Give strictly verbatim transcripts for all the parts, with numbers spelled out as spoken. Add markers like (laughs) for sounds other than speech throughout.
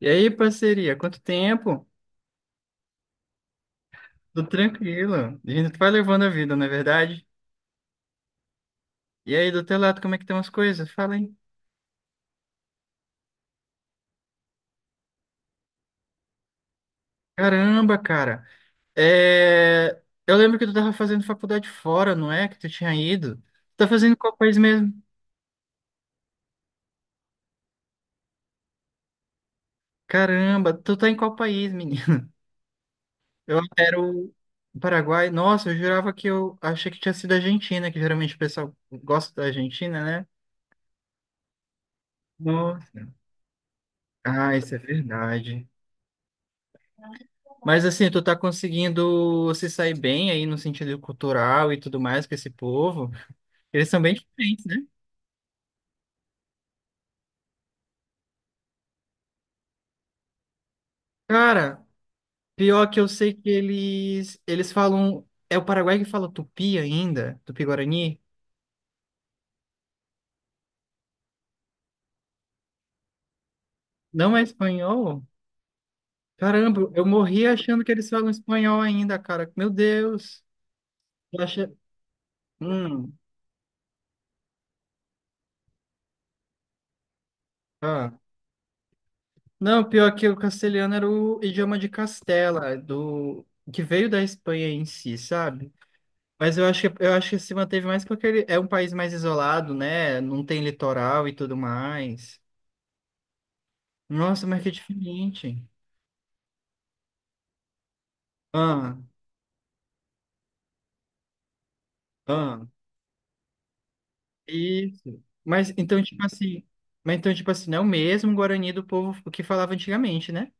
E aí, parceria, quanto tempo? Tô tranquilo. A gente vai levando a vida, não é verdade? E aí, do teu lado, como é que estão as coisas? Fala aí. Caramba, cara. É... Eu lembro que tu tava fazendo faculdade fora, não é? Que tu tinha ido. Tu tá fazendo em qual país mesmo? Caramba, tu tá em qual país, menino? (laughs) Eu era o Paraguai. Nossa, eu jurava que eu achei que tinha sido a Argentina, que geralmente o pessoal gosta da Argentina, né? Nossa. Ah, isso é verdade. Mas assim, tu tá conseguindo se sair bem aí no sentido cultural e tudo mais com esse povo. Eles são bem diferentes, né? Cara, pior que eu sei que eles eles falam, é o Paraguai que fala tupi ainda, tupi-guarani? Não é espanhol? Caramba, eu morri achando que eles falam espanhol ainda, cara. Meu Deus. Eu achei... Hum, ah. Não, pior que o castelhano era o idioma de Castela, do que veio da Espanha em si, sabe? Mas eu acho que, eu acho que se manteve mais porque ele é um país mais isolado, né? Não tem litoral e tudo mais. Nossa, mas que diferente. Ah, ah, isso. Mas então, tipo assim. Mas então, tipo assim, não é o mesmo Guarani do povo que falava antigamente, né?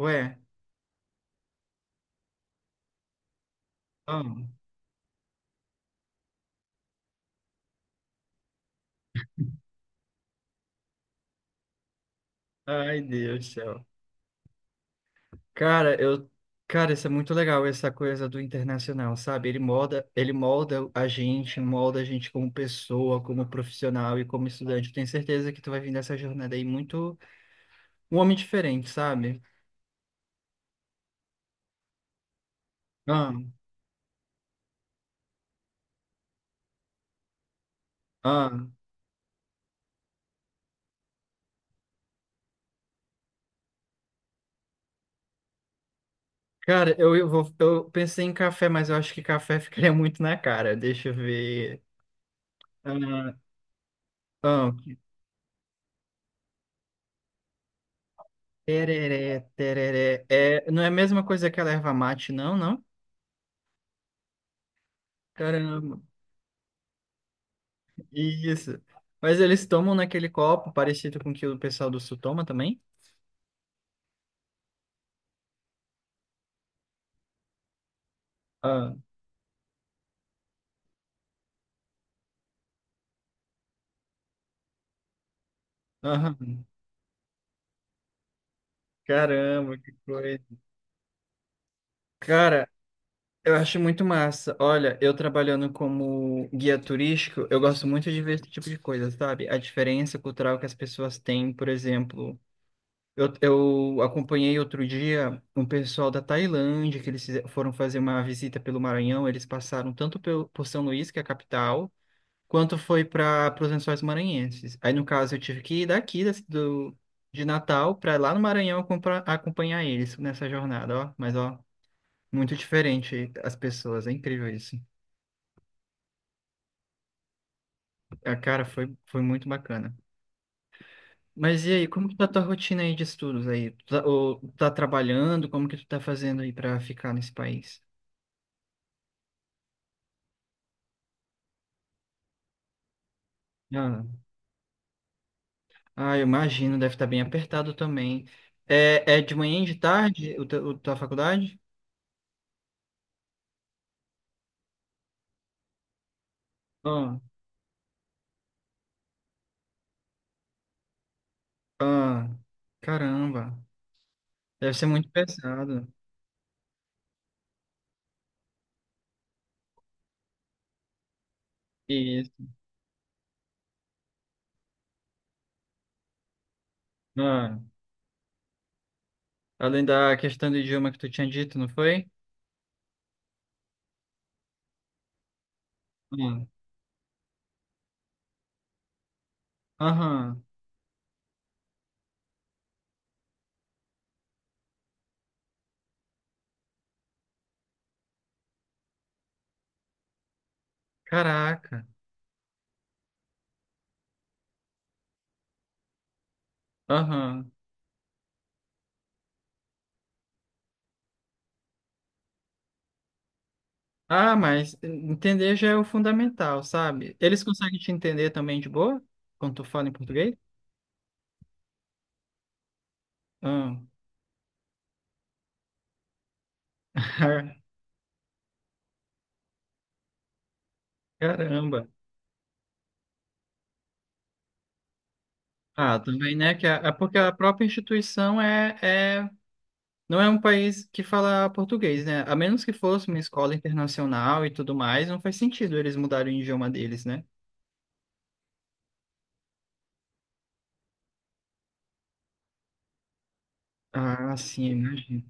Ué. Ah, ai, Deus do céu. Cara, eu, cara, isso é muito legal, essa coisa do internacional, sabe? Ele molda, ele molda a gente, molda a gente como pessoa, como profissional e como estudante. Eu tenho certeza que tu vai vir nessa jornada aí muito um homem diferente, sabe? Ah, ah. Cara, eu, eu vou, eu pensei em café, mas eu acho que café (laughs) ficaria muito na cara. Deixa eu ver. Ah, ah, tereré, tereré. É, não é a mesma coisa que a erva mate, não, não? Caramba. Isso. Mas eles tomam naquele copo parecido com o que o pessoal do Sul toma também? Ah, aham. Caramba, que coisa. Cara, eu acho muito massa. Olha, eu trabalhando como guia turístico, eu gosto muito de ver esse tipo de coisa, sabe? A diferença cultural que as pessoas têm, por exemplo. Eu, eu acompanhei outro dia um pessoal da Tailândia, que eles fize- foram fazer uma visita pelo Maranhão. Eles passaram tanto pelo, por São Luís, que é a capital, quanto foi para os Lençóis Maranhenses. Aí, no caso, eu tive que ir daqui da- do, de Natal para lá no Maranhão compra- acompanhar eles nessa jornada, ó. Mas, ó, muito diferente as pessoas, é incrível isso. A cara foi, foi muito bacana. Mas e aí, como que tá a tua rotina aí de estudos aí? Tu tá, ou tá trabalhando? Como que tu tá fazendo aí para ficar nesse país? Ah, ah, eu imagino, deve estar bem apertado também. É, é de manhã e de tarde o teu- o tua faculdade? Ah, ah, caramba. Deve ser muito pesado. Isso. Ah, além da questão do idioma que tu tinha dito, não foi? Hum. Aham. Caraca. Aham. Ah, mas entender já é o fundamental, sabe? Eles conseguem te entender também de boa? Quando tu fala em português? Ah. (laughs) Caramba. Ah, também, né? Que a, é porque a própria instituição é, é, não é um país que fala português, né? A menos que fosse uma escola internacional e tudo mais, não faz sentido eles mudarem o idioma deles, né? Ah, sim, imagino.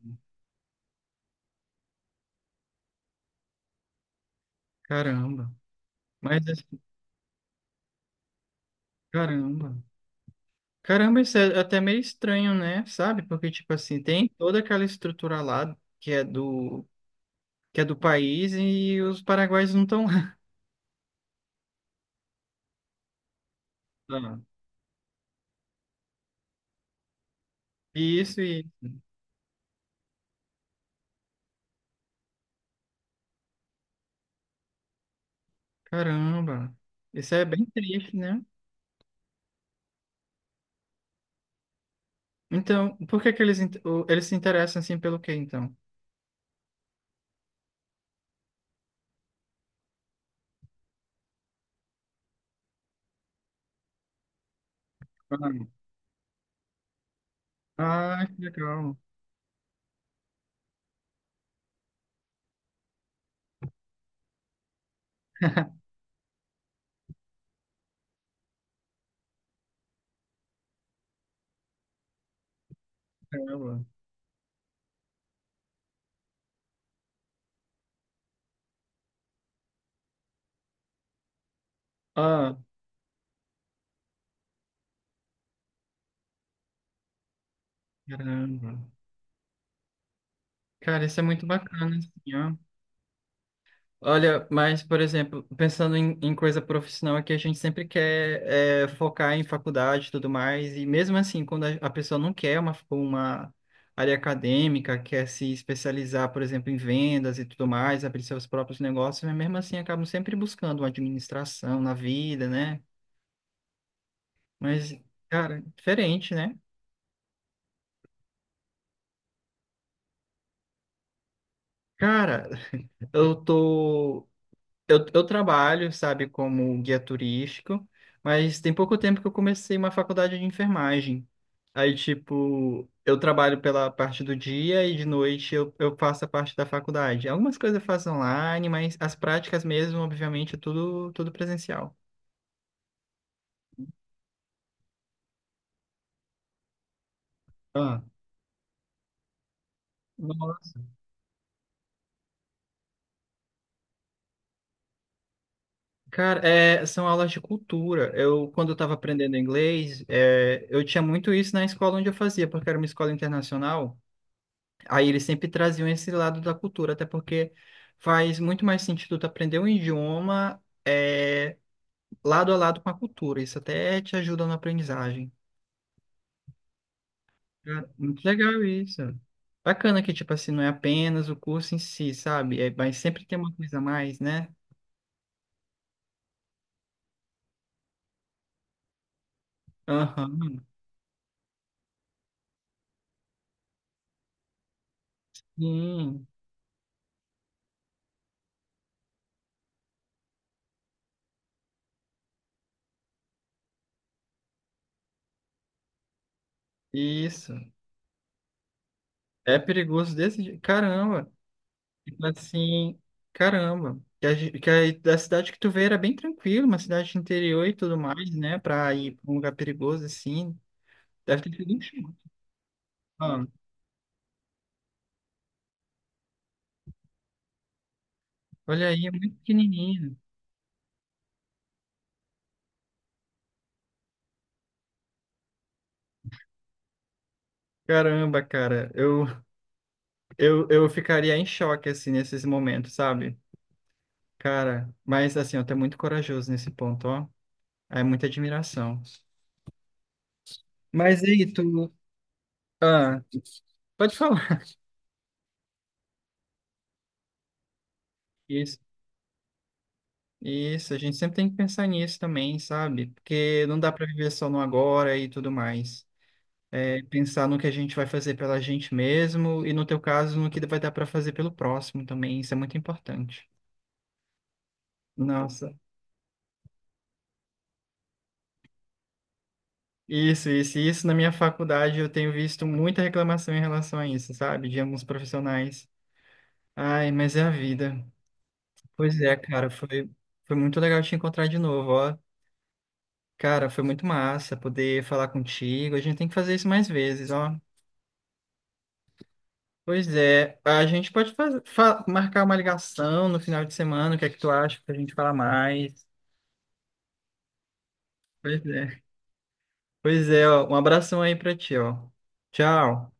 Caramba. Mas, assim, caramba. Caramba, isso é até meio estranho, né? Sabe? Porque, tipo assim, tem toda aquela estrutura lá que é do, que é do país e os paraguaios não estão lá. (laughs) Isso e... Caramba. Isso é bem triste, né? Então, por que que eles, in- o- eles se interessam, assim, pelo quê, então? Ah, ah, que legal. Caramba. Ah, caramba. Cara, isso é muito bacana, assim, ó. Olha, mas, por exemplo, pensando em, em coisa profissional aqui, a gente sempre quer é, focar em faculdade e tudo mais, e mesmo assim, quando a, a pessoa não quer uma, uma área acadêmica, quer se especializar, por exemplo, em vendas e tudo mais, abrir seus próprios negócios, mas mesmo assim acabam sempre buscando uma administração na vida, né? Mas, cara, diferente, né? Cara, eu tô. Eu, eu trabalho, sabe, como guia turístico, mas tem pouco tempo que eu comecei uma faculdade de enfermagem. Aí, tipo, eu trabalho pela parte do dia e de noite eu, eu faço a parte da faculdade. Algumas coisas eu faço online, mas as práticas mesmo, obviamente, é tudo, tudo presencial. Ah, nossa. Cara, é, são aulas de cultura. Eu, quando eu estava aprendendo inglês, é, eu tinha muito isso na escola onde eu fazia, porque era uma escola internacional. Aí eles sempre traziam esse lado da cultura, até porque faz muito mais sentido tu aprender um idioma é, lado a lado com a cultura. Isso até te ajuda na aprendizagem. Ah, muito legal isso. Bacana que, tipo assim, não é apenas o curso em si, sabe? É, mas sempre tem uma coisa a mais, né? Aham. Sim, isso. É perigoso desse jeito. Caramba. Tipo assim, caramba. Que a, ge- que a- da cidade que tu veio era bem tranquilo, uma cidade interior e tudo mais, né? Pra ir pra um lugar perigoso assim. Deve ter sido um chão. Ah, olha aí, é muito pequenininho. Caramba, cara. Eu, eu, eu ficaria em choque, assim, nesses momentos, sabe? Cara, mas assim, eu tu é muito corajoso nesse ponto, ó. É muita admiração. Mas aí, tu. Ah, pode falar. Isso. Isso, a gente sempre tem que pensar nisso também, sabe? Porque não dá para viver só no agora e tudo mais. É pensar no que a gente vai fazer pela gente mesmo e, no teu caso, no que vai dar para fazer pelo próximo também. Isso é muito importante. Nossa, isso, isso, isso. Na minha faculdade eu tenho visto muita reclamação em relação a isso, sabe? De alguns profissionais. Ai, mas é a vida. Pois é, cara, foi, foi muito legal te encontrar de novo, ó. Cara, foi muito massa poder falar contigo. A gente tem que fazer isso mais vezes, ó. Pois é, a gente pode faz- fa- marcar uma ligação no final de semana, o que é que tu acha pra gente falar mais? Pois é. Pois é, ó, um abração aí pra ti, ó. Tchau.